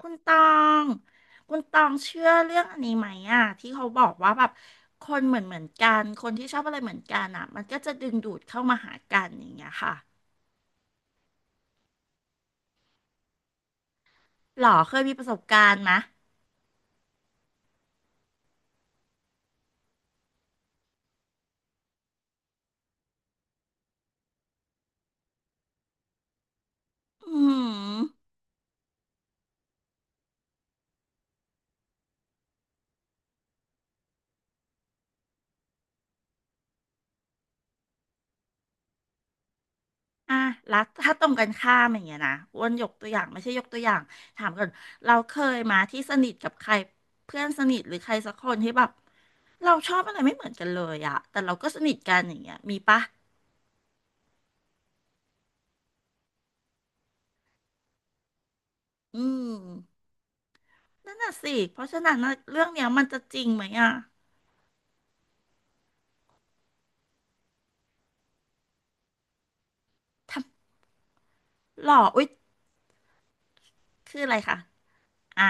คุณตองคุณตองเชื่อเรื่องอันนี้ไหมอ่ะที่เขาบอกว่าแบบคนเหมือนกันคนที่ชอบอะไรเหมือนกันอ่ะมันก็จะดึงดูดเข้ามาหากันอย่างเงี้ยค่ะหรอเคยมีประสบการณ์ไหมอืมอ่ะแล้วถ้าตรงกันข้ามอย่างเงี้ยนะอ้วนยกตัวอย่างไม่ใช่ยกตัวอย่างถามก่อนเราเคยมาที่สนิทกับใครเพื่อนสนิทหรือใครสักคนที่แบบเราชอบอะไรไม่เหมือนกันเลยอะแต่เราก็สนิทกันอย่างเงี้ยมีปะอืม นั่นน่ะสิ เพราะฉะนั้นน่ะเรื่องเนี้ยมันจะจริงไหมอ่ะทำหล่ออุ๊ยคืออะไรคะอ่า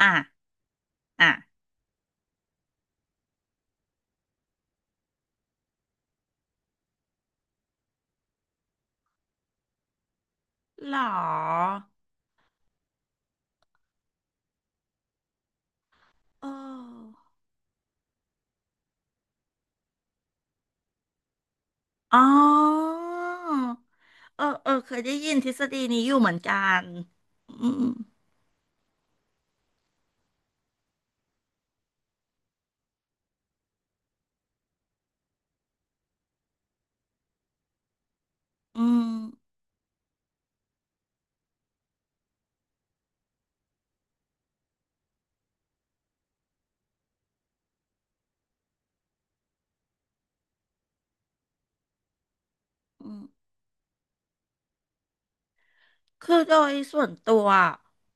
อ่าอ่าหล่อเอออ๋อเออ เออเคยได้ยินทฤษฎีนี้อยู่เหมือนกันอืมอืมอืมคือโดยส่วนตัว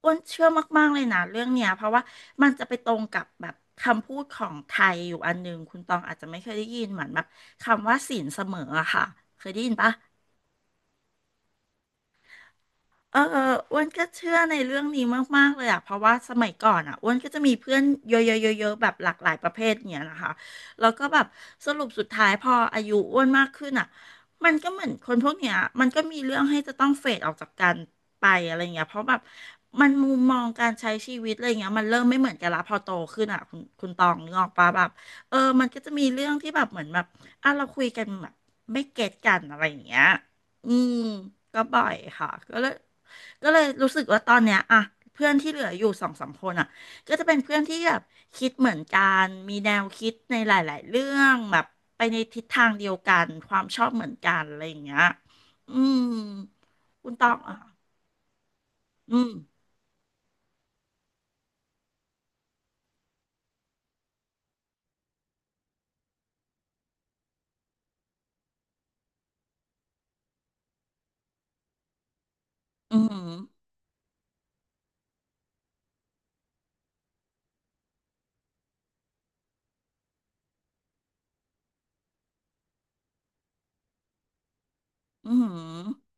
อ้วนเชื่อมากๆเลยนะเรื่องเนี้ยเพราะว่ามันจะไปตรงกับแบบคำพูดของไทยอยู่อันหนึ่ง คุณตองอาจจะไม่เคยได้ยินเหมือนแบบคำว่าศีลเสมออะค่ะ เคยได้ยินปะ เอออ้วนก็เชื่อในเรื่องนี้มากๆเลยอ่ะเพราะว่าสมัยก่อนอ่ะอ้วนก็จะมีเพื่อนเยอะๆๆๆแบบหลากหลายประเภทเนี่ยนะคะแล้วก็แบบสรุปสุดท้ายพออายุอ้วนมากขึ้นอ่ะมันก็เหมือนคนพวกเนี้ยมันก็มีเรื่องให้จะต้องเฟดออกจากกันไปอะไรเงี้ยเพราะแบบมันมุมมองการใช้ชีวิตอะไรเงี้ยมันเริ่มไม่เหมือนกันละพอโตขึ้นอ่ะคุณตองนึกออกปะแบบเออมันก็จะมีเรื่องที่แบบเหมือนแบบอ่ะเราคุยกันแบบไม่เก็ตกันอะไรอย่างเงี้ย อืมก็บ่อยค่ะก็เลยรู้สึกว่าตอนเนี้ยอะเพื่อนที่เหลืออยู่สองสามคนอะก็จะเป็นเพื่อนที่แบบคิดเหมือนกันมีแนวคิดในหลายๆเรื่องแบบไปในทิศทางเดียวกันความชอบเหมือนกันอะไรอย่างเงี้ยอืมคุณตองอ่ะอืมอืมอืม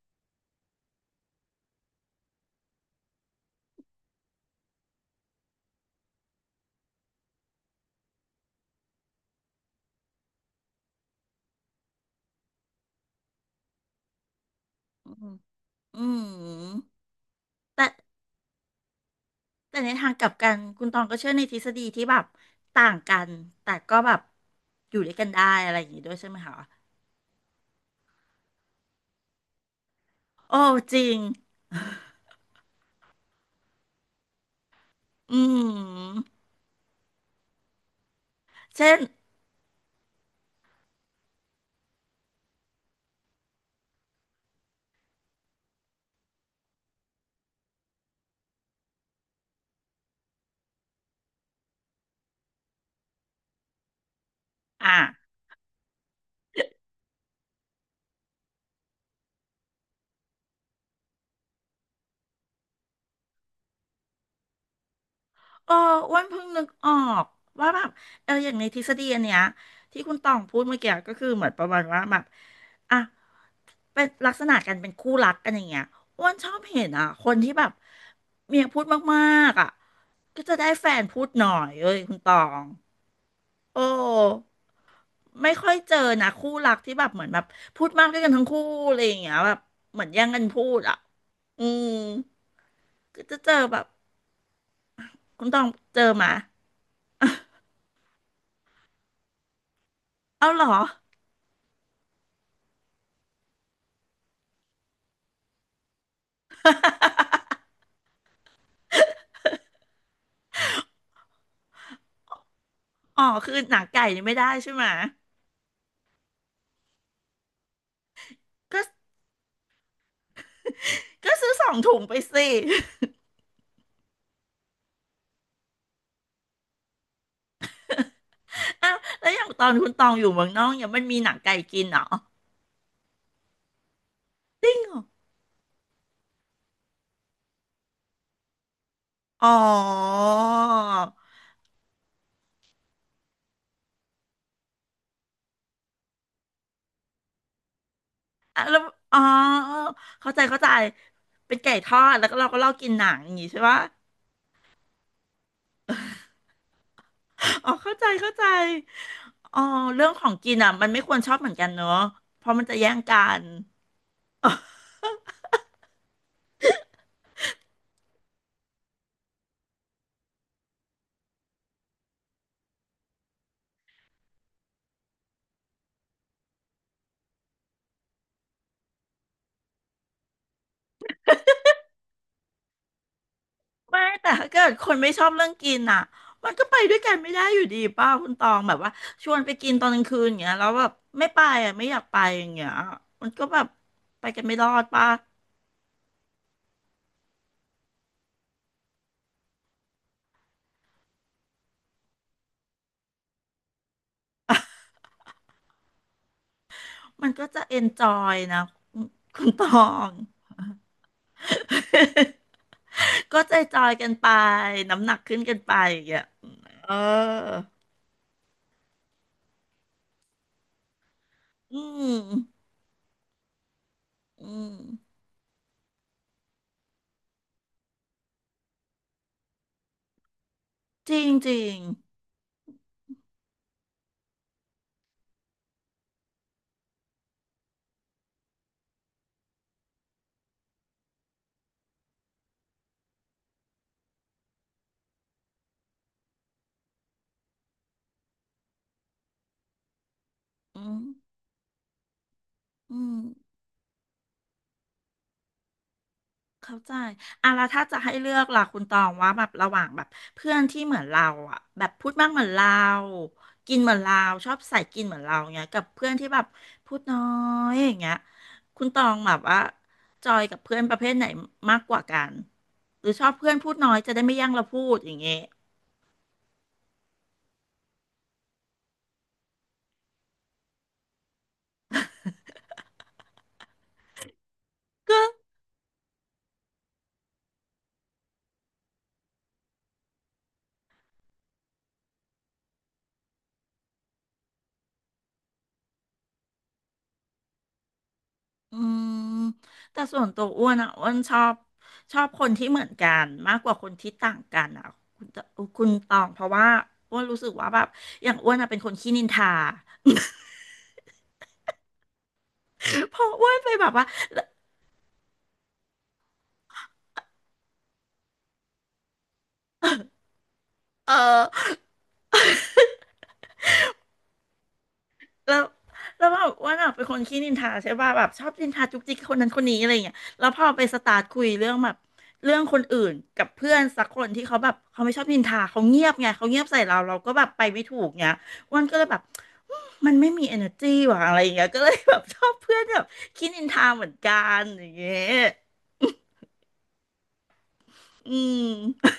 อืมอืมแต่แต่ในทางกลับกันคุณตองก็เชื่อในทฤษฎีที่แบบต่างกันแต่ก็แบบอยู่ด้วยกันได้อะไรอย่างงี้ด้วยใช่ไหมคะ โอ้จริง อืม เช่น อ่ะโอ้อ้วนเพิ่งนึกออกว่าแบบเอออย่างในทฤษฎีอันเนี้ยที่คุณต่องพูดเมื่อกี้ก็คือเหมือนประมาณว่าแบบอ่ะ เป็นลักษณะกันเป็นคู่รักกันอย่างเงี้ยอ้วนชอบเห็นอ่ะ คนที่แบบ เมียพูดมากๆอ่ะก็จะได้แฟนพูดหน่อยเอ้ยคุณตอง โอ้ไม่ค่อยเจอนะคู่รักที่แบบเหมือนแบบพูดมากด้วยกันทั้งคู่อะไรอย่างเงี้ยแบบเหมือนแย่งกันพูดอ่ะอืมก็จะเจอแบบคุณต้องเจอมาเอาเหรอ อ๋อคือหนังไก่นี่ไม่ได้ใช่ไหมก็ก็ซื้อสองถุงไปสิ อ้าวแล้วอย่างตอนคุณตองอยู่เมืองนอกเนี่ยมันมีหนังไก่กินเหรอจริงเหรออ๋ออ่ะแล้วอ๋อเข้าใจเข้าใจเป็นไก่ทอดแล้วก็เราก็ลอกกินหนังอย่างงี้ใช่ปะ อ๋อเข้าใจเข้าใจอ๋อเรื่องของกินอ่ะมันไม่ควรชอบเหมือนกันเนอะเพราะมันจะแย่งกันไม่แต่ถ้าเกิดคนไม่ชอบเรื่องกินอ่ะมันก็ไปด้วยกันไม่ได้อยู่ดีป้าคุณตองแบบว่าชวนไปกินตอนกลางคืนอย่างเงี้ยแล้วแบบไม่ไปอ่ะไม่อยากไปอย่างเงี้ยมันก็แบบไปกันไม่รอดป้ามันก็จะเอนจอยนะคุณตอง ก็ใจจอยกันไปน้ำหนักขึ้นกันไปอย่างเงี้ยเอออืมอืมจริงจริง อืมอืมเข้าใจอ่ะแล้วถ้าจะให้เลือกล่ะคุณตองว่าแบบระหว่างแบบเพื่อนที่เหมือนเราอ่ะแบบพูดมากเหมือนเรา กินเหมือนเราชอบใส่กินเหมือนเราเงี้ยกับเพื่อนที่แบบพูดน้อยอย่างเงี้ยคุณตองแบบว่าจอยกับเพื่อนประเภทไหนมากกว่ากันหรือชอบเพื่อนพูดน้อยจะได้ไม่แย่งเราพูดอย่างเงี้ยก็ อืมแต่ส่วนตัวอ้วนอ่ะอ้วนชอบคนที่เหมือนกันมากกว่าคนที่ต่างกันอ่ะคุณตคุณตองเพราะว่าอ้วนรู้สึกว่าแบบอย่างอ้วนอ่ะเป็นคนขี้นินทา เพราะอ้วนไปแบบว่าเออ แล้วแล้วแบบอว่าน่ะเป็นคนขี้นินทาใช่ป่ะแบบชอบนินทาจุกจิกคนนั้นคนนี้อะไรอย่างเงี้ยแล้วพอไปสตาร์ทคุยเรื่องแบบเรื่องคนอื่นกับเพื่อนสักคนที่เขาแบบเขาไม่ชอบนินทาเขาเงียบไงเขาเงียบใส่เราเราก็แบบไปไม่ถูกเงี้ยอ้วันก็เลยแบบอืมมันไม่มี energy ว่ะอะไรอย่างเงี้ยก็เลยแบบชอบเพื่อนแบบขี้นินทาเหมือนกันอย่างเงี้ยอืม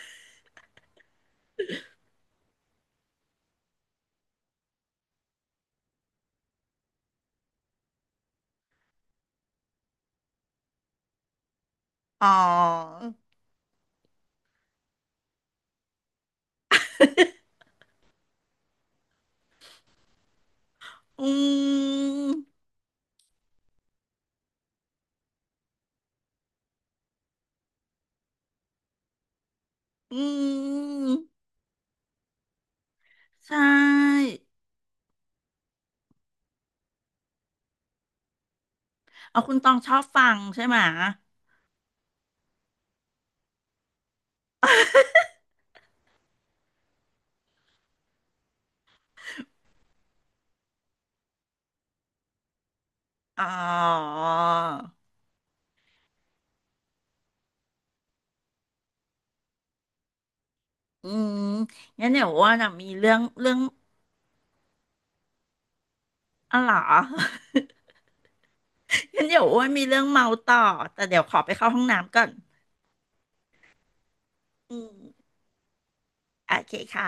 อ๋ออืมอืมใช่เอาคุณตองชอบฟังใช่ไหม อ๋อ อืม งั้นเดี๋ยวอ้วนอะมีเรื่องอะไรเหรอ งั้นเดี๋ยวอ้วนมีเรื่องเมาต่อ แต่เดี๋ยวขอไปเข้าห้องน้ำก่อน อืมโอเคค่ะ